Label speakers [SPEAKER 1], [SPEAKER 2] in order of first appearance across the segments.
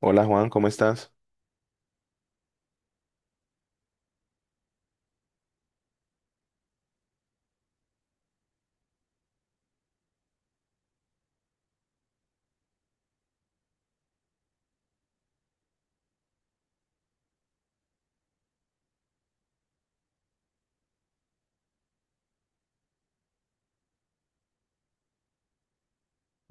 [SPEAKER 1] Hola Juan, ¿cómo estás?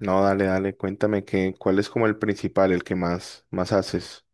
[SPEAKER 1] No, dale, dale, cuéntame que, ¿cuál es como el principal, el que más haces?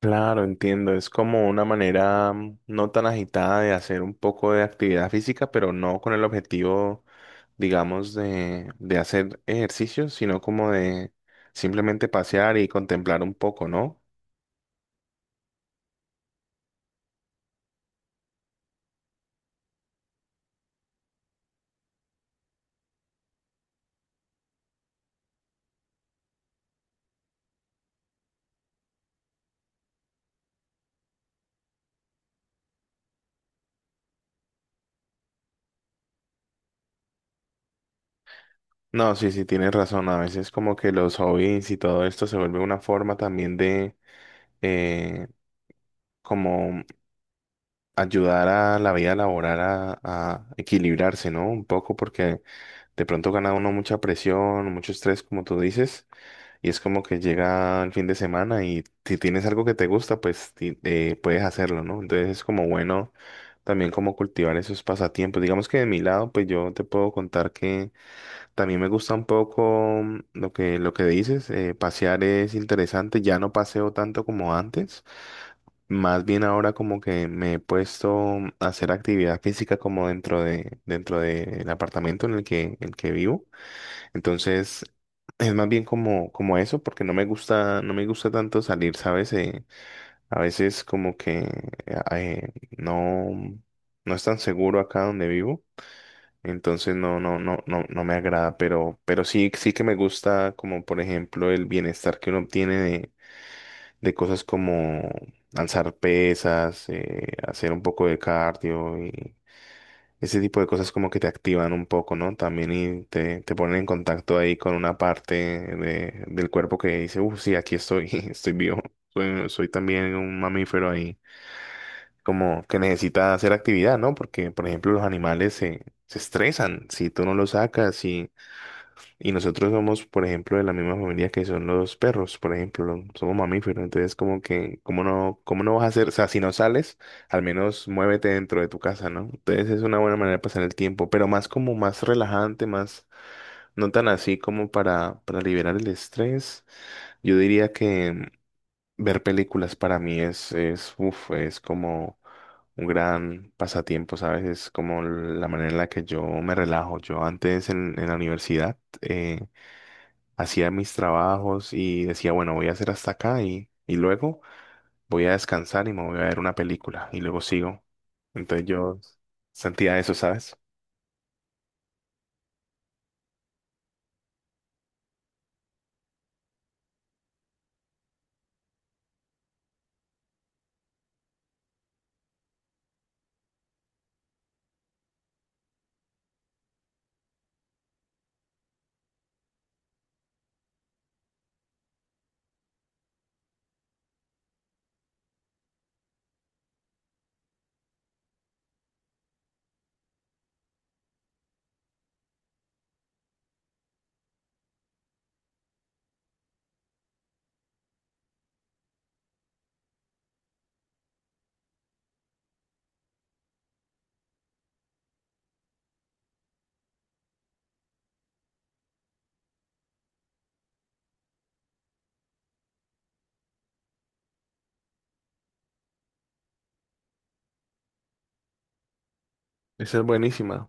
[SPEAKER 1] Claro, entiendo, es como una manera mm, no tan agitada de hacer un poco de actividad física, pero no con el objetivo, digamos, de hacer ejercicio, sino como de simplemente pasear y contemplar un poco, ¿no? No, sí, sí, tienes razón, a veces como que los hobbies y todo esto se vuelve una forma también de... eh, como ayudar a la vida laboral a equilibrarse, ¿no? Un poco porque de pronto gana uno mucha presión, mucho estrés, como tú dices, y es como que llega el fin de semana y si tienes algo que te gusta, pues puedes hacerlo, ¿no? Entonces es como bueno también como cultivar esos pasatiempos. Digamos que de mi lado, pues yo te puedo contar que... También me gusta un poco mm, lo que dices, pasear es interesante, ya no paseo tanto como antes, más bien ahora como que me he puesto mm, a hacer actividad física como dentro de, dentro del apartamento en el que vivo, entonces es más bien como, como eso, porque no me gusta tanto salir, ¿sabes? A veces como que eh, no, no es tan seguro acá donde vivo. Entonces no me agrada, pero sí, sí que me gusta como por ejemplo el bienestar que uno obtiene de cosas como alzar pesas, hacer un poco de cardio y ese tipo de cosas como que te activan un poco, ¿no? También y te ponen en contacto ahí con una parte de, del cuerpo que dice, uff, sí, aquí estoy, estoy vivo, soy también un mamífero ahí, como que necesita hacer actividad, ¿no? Porque por ejemplo los animales se estresan si tú no los sacas si y nosotros somos, por ejemplo, de la misma familia que son los perros, por ejemplo, somos mamíferos, entonces como que, cómo no vas a hacer? O sea, si no sales, al menos muévete dentro de tu casa, ¿no? Entonces es una buena manera de pasar el tiempo, pero más como más relajante, más, no tan así como para liberar el estrés. Yo diría que ver películas para mí es, uf, es como un gran pasatiempo, ¿sabes? Es como la manera en la que yo me relajo. Yo antes en la universidad, hacía mis trabajos y decía, bueno, voy a hacer hasta acá y luego voy a descansar y me voy a ver una película y luego sigo. Entonces yo sentía eso, ¿sabes? Esa es buenísima.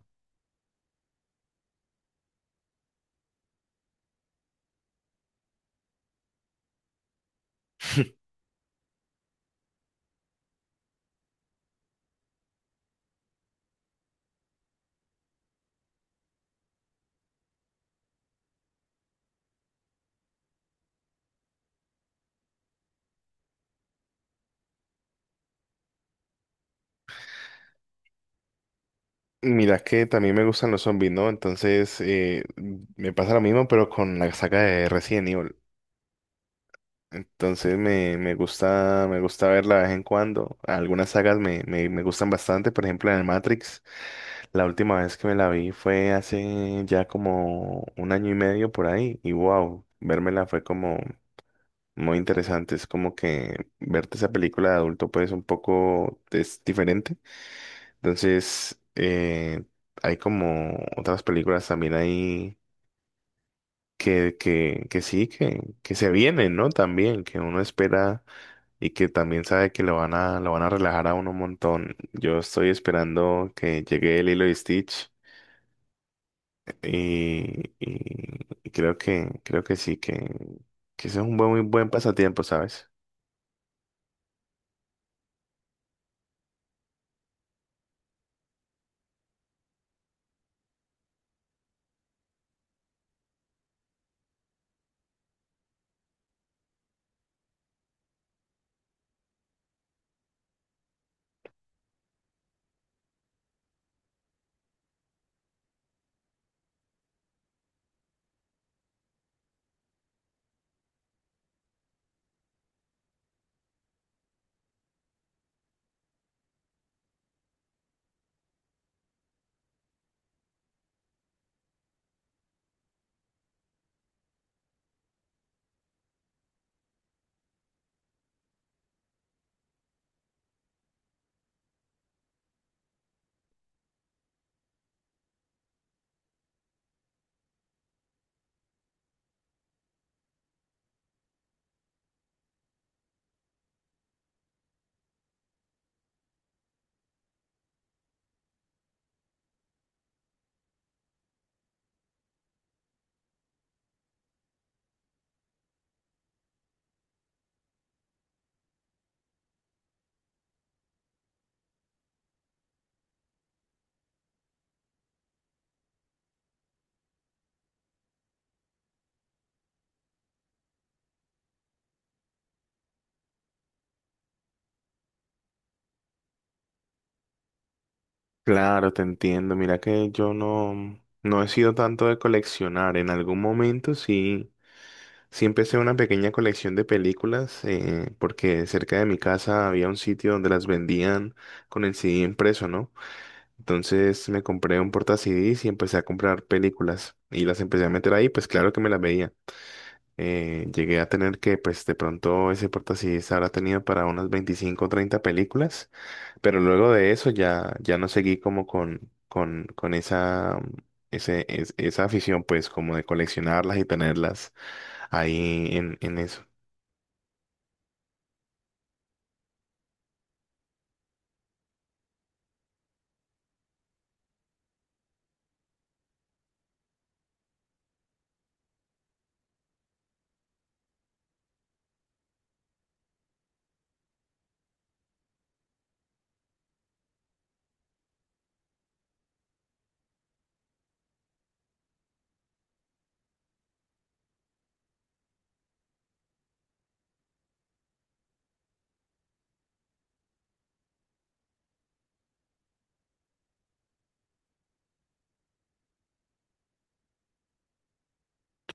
[SPEAKER 1] Mira que también me gustan los zombies, ¿no? Entonces me pasa lo mismo, pero con la saga de Resident Evil. Entonces me gusta verla de vez en cuando. Algunas sagas me gustan bastante, por ejemplo en el Matrix. La última vez que me la vi fue hace ya como un año y medio por ahí. Y wow, vérmela fue como muy interesante. Es como que verte esa película de adulto pues un poco es diferente. Entonces hay como otras películas también ahí que sí, que se vienen, ¿no? También, que uno espera y que también sabe que lo van a relajar a uno un montón. Yo estoy esperando que llegue el hilo y Stitch y creo que sí, que ese es un buen, muy buen pasatiempo, ¿sabes? Claro, te entiendo. Mira que yo no, no he sido tanto de coleccionar. En algún momento sí, sí empecé una pequeña colección de películas, porque cerca de mi casa había un sitio donde las vendían con el CD impreso, ¿no? Entonces me compré un porta CDs y empecé a comprar películas y las empecé a meter ahí, pues claro que me las veía. Llegué a tener que, pues de pronto ese porta CDs habrá tenido para unas 25 o 30 películas, pero luego de eso ya, ya no seguí como con esa, esa afición, pues como de coleccionarlas y tenerlas ahí en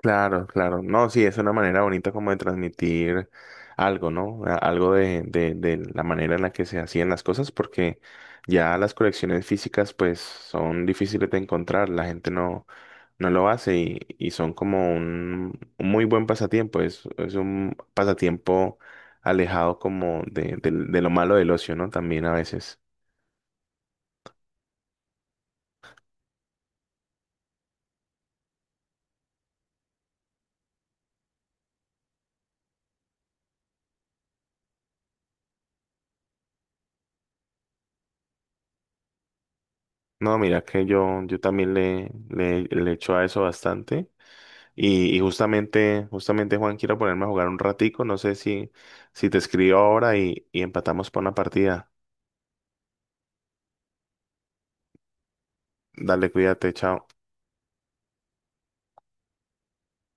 [SPEAKER 1] Claro, claro. No, sí, es una manera bonita como de transmitir algo, ¿no? Algo de la manera en la que se hacían las cosas, porque ya las colecciones físicas pues son difíciles de encontrar, la gente no, no lo hace y son como un muy buen pasatiempo, es un pasatiempo alejado como de, de lo malo del ocio, ¿no? También a veces. No, mira que yo también le, le echo a eso bastante. Y justamente, justamente Juan, quiero ponerme a jugar un ratico. No sé si, si te escribo ahora y empatamos para una partida. Dale, cuídate, chao.